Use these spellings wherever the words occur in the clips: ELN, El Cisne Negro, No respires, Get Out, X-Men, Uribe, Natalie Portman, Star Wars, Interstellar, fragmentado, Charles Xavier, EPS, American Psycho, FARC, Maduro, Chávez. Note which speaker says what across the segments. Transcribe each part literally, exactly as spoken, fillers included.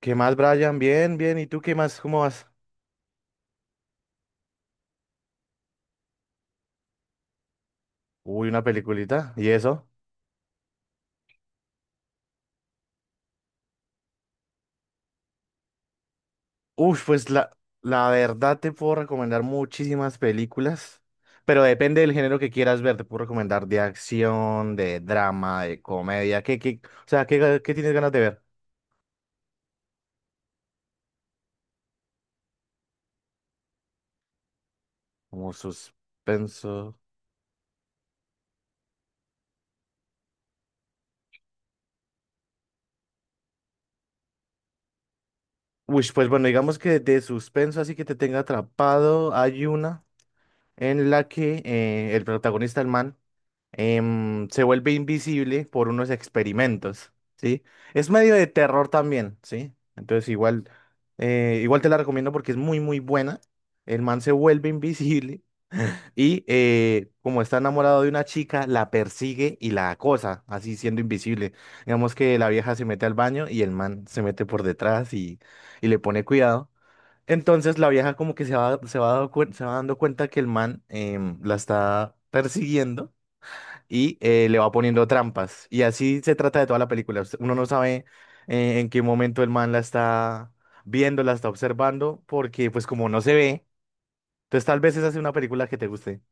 Speaker 1: ¿Qué más, Brian? Bien, bien. ¿Y tú qué más? ¿Cómo vas? Uy, una peliculita. ¿Y eso? Uf, pues la, la verdad te puedo recomendar muchísimas películas, pero depende del género que quieras ver. Te puedo recomendar de acción, de drama, de comedia. ¿Qué, qué, o sea, ¿qué, qué tienes ganas de ver? Como suspenso. Uy, pues bueno, digamos que de suspenso, así que te tenga atrapado, hay una en la que eh, el protagonista, el man, em, se vuelve invisible por unos experimentos, ¿sí? Es medio de terror también, ¿sí? Entonces igual, eh, igual te la recomiendo porque es muy, muy buena. El man se vuelve invisible y eh, como está enamorado de una chica, la persigue y la acosa, así siendo invisible. Digamos que la vieja se mete al baño y el man se mete por detrás y, y le pone cuidado. Entonces la vieja como que se va, se va, dando cuen- se va dando cuenta que el man em, la está persiguiendo y eh, le va poniendo trampas. Y así se trata de toda la película. Us- Uno no sabe eh, en qué momento el man la está viendo, la está observando, porque pues como no se ve, entonces tal vez esa sea una película que te guste.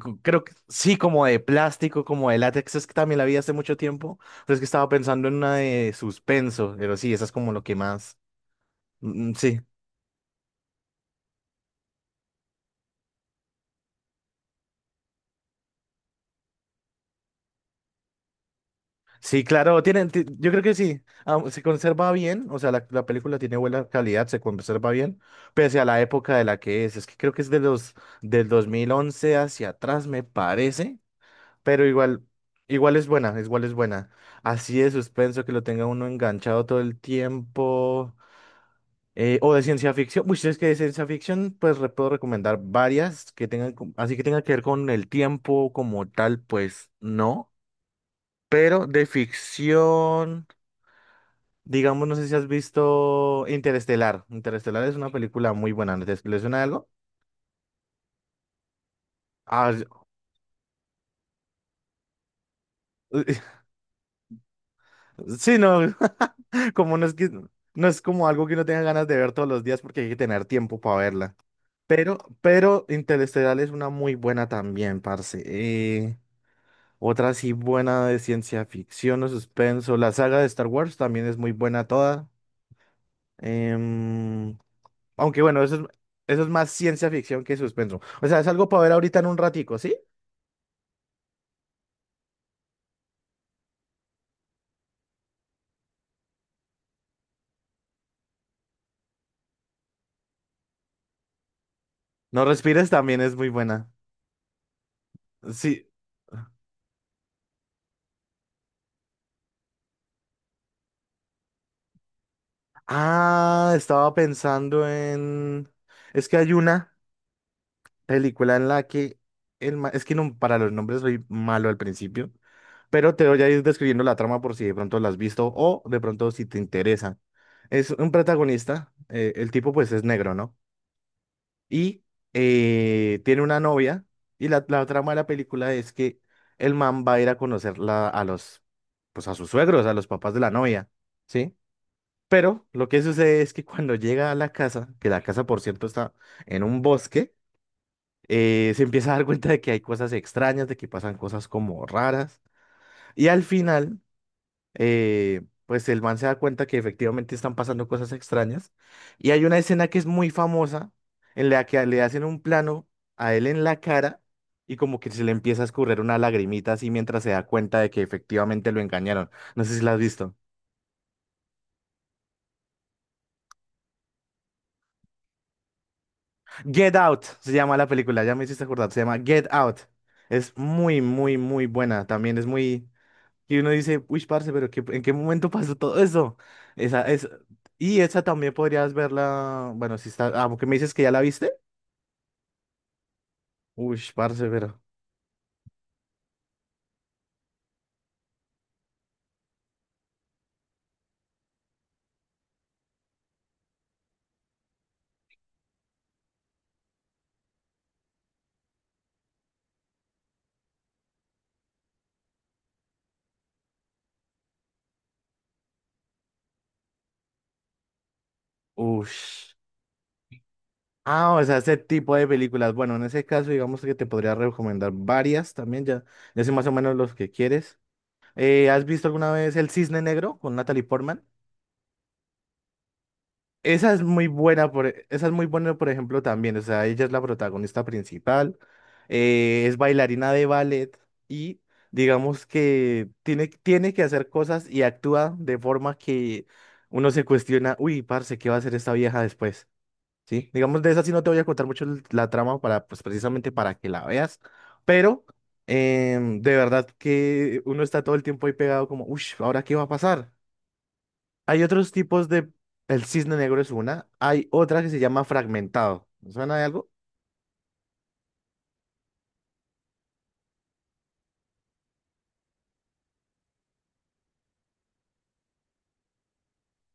Speaker 1: Cu- Creo que sí, como de plástico, como de látex, es que también la vi hace mucho tiempo, pero es que estaba pensando en una de suspenso, pero sí, esa es como lo que más. Mm, mm, sí. Sí, claro, tienen, ti- yo creo que sí, ah, se conserva bien, o sea, la, la película tiene buena calidad, se conserva bien, pese a la época de la que es, es que creo que es de los, del dos mil once hacia atrás, me parece, pero igual, igual es buena, igual es buena, así de suspenso que lo tenga uno enganchado todo el tiempo, eh, o de ciencia ficción, uy, si es que de ciencia ficción, pues re- puedo recomendar varias que tengan, co- así que tenga que ver con el tiempo como tal, pues no, pero de ficción. Digamos, no sé si has visto Interestelar. Interestelar es una película muy buena. ¿No? ¿Te le suena algo? Ah, sí, no. Como no es que no es como algo que uno tenga ganas de ver todos los días porque hay que tener tiempo para verla. Pero, pero Interestelar es una muy buena también, parce. Eh, otra sí buena de ciencia ficción o suspenso. La saga de Star Wars también es muy buena toda. Em, Aunque bueno, eso es, eso es, más ciencia ficción que suspenso. O sea, es algo para ver ahorita en un ratico, ¿sí? No respires también es muy buena. Sí. Ah, estaba pensando en. Es que hay una película en la que el ma- es que no, para los nombres soy malo al principio, pero te voy a ir describiendo la trama por si de pronto la has visto o de pronto si te interesa. Es un protagonista, eh, el tipo pues es negro, ¿no? Y eh, tiene una novia y la, la trama de la película es que el man va a ir a conocer la- a los, pues a sus suegros, a los papás de la novia, ¿sí? Pero lo que sucede es que cuando llega a la casa, que la casa por cierto está en un bosque, eh, se empieza a dar cuenta de que hay cosas extrañas, de que pasan cosas como raras. Y al final, eh, pues el man se da cuenta que efectivamente están pasando cosas extrañas. Y hay una escena que es muy famosa en la que le hacen un plano a él en la cara y como que se le empieza a escurrir una lagrimita así mientras se da cuenta de que efectivamente lo engañaron. No sé si la has visto. Get Out se llama la película, ya me hiciste acordar, se llama Get Out. Es muy, muy, muy buena. También es muy. Y uno dice, uy, parce, pero qué- ¿en qué momento pasó todo eso? Esa, es y esa también podrías verla, bueno, si está, ah, porque me dices que ya la viste. Uy, parce, pero, uy. Ah, o sea, ese tipo de películas. Bueno, en ese caso, digamos que te podría recomendar varias también, ya, ya sé más o menos los que quieres. Eh, ¿has visto alguna vez El Cisne Negro con Natalie Portman? Esa es muy buena, por, e- esa es muy buena, por ejemplo, también. O sea, ella es la protagonista principal, eh, es bailarina de ballet y digamos que tiene, tiene que hacer cosas y actúa de forma que uno se cuestiona, uy, parce, ¿qué va a hacer esta vieja después? ¿Sí? Digamos, de esa sí no te voy a contar mucho el- la trama para, pues, precisamente para que la veas, pero em, de verdad que uno está todo el tiempo ahí pegado como, uy, ¿ahora qué va a pasar? Hay otros tipos de. El cisne negro es una. Hay otra que se llama fragmentado. ¿Me? ¿Suena de algo?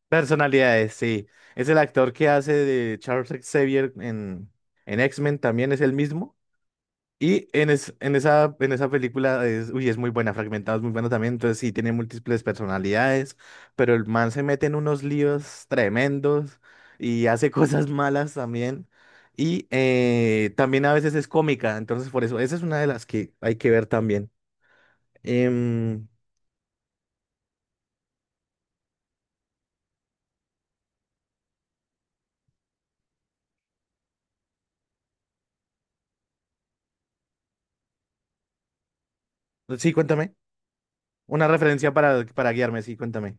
Speaker 1: Personalidades, sí. Es el actor que hace de Charles Xavier en, en, X-Men, también es el mismo. Y en, es- en, esa, en esa película es, uy, es muy buena, fragmentado es muy bueno también, entonces sí, tiene múltiples personalidades, pero el man se mete en unos líos tremendos y hace cosas malas también. Y eh, también a veces es cómica, entonces por eso, esa es una de las que hay que ver también. Em, sí, cuéntame. Una referencia para, para guiarme, sí, cuéntame.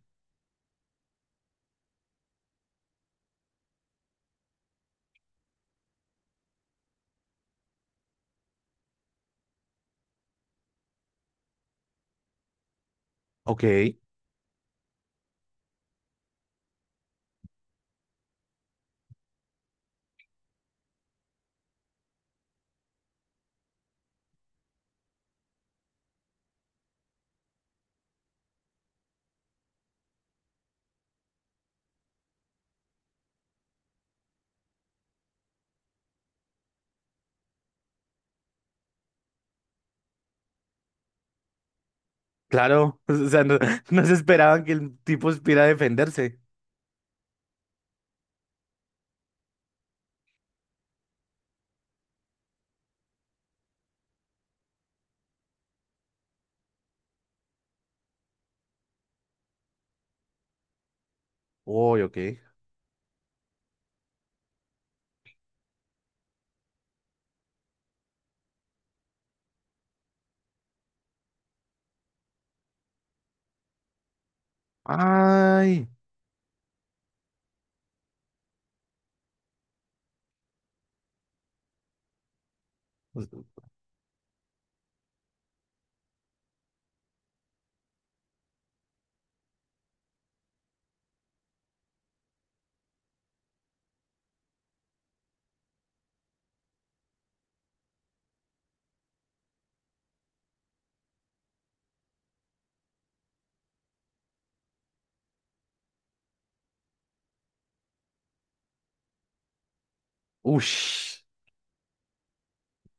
Speaker 1: Ok, claro. O sea, no, no se esperaban que el tipo supiera defenderse. Uy, ok. Ay. Pues, Ush.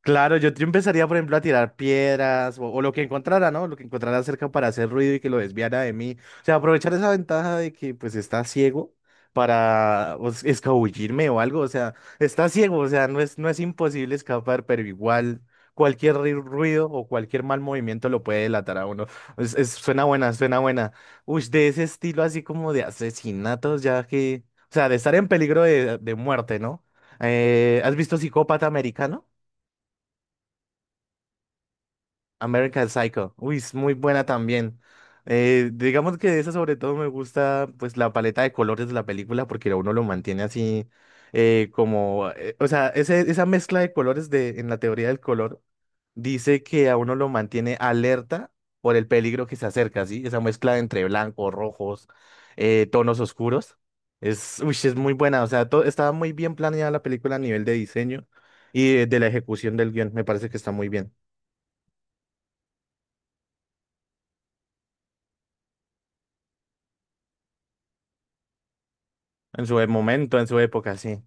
Speaker 1: Claro, yo, yo empezaría, por ejemplo, a tirar piedras o, o lo que encontrara, ¿no? Lo que encontrara cerca para hacer ruido y que lo desviara de mí. O sea, aprovechar esa ventaja de que pues está ciego para o s- escabullirme o algo. O sea, está ciego, o sea, no es, no es imposible escapar, pero igual cualquier ri- ruido o cualquier mal movimiento lo puede delatar a uno. Es, es- suena buena, suena buena. Uy, de ese estilo así como de asesinatos, ya que, o sea, de estar en peligro de, de muerte, ¿no? Eh, ¿has visto Psicópata Americano? American Psycho. Uy, es muy buena también. Eh, digamos que de esa sobre todo me gusta pues la paleta de colores de la película porque uno lo mantiene así eh, como, eh, o sea, ese- esa mezcla de colores de, en la teoría del color dice que a uno lo mantiene alerta por el peligro que se acerca, ¿sí? Esa mezcla entre blancos, rojos, eh, tonos oscuros. Es, uy, es muy buena, o sea, to- estaba muy bien planeada la película a nivel de diseño y de de la ejecución del guión, me parece que está muy bien. En su e, momento, en su época, sí.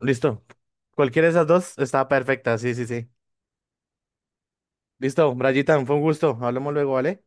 Speaker 1: Listo. Cualquiera de esas dos está perfecta, sí, sí, sí. Listo, Brayitan, fue un gusto. Hablamos luego, ¿vale?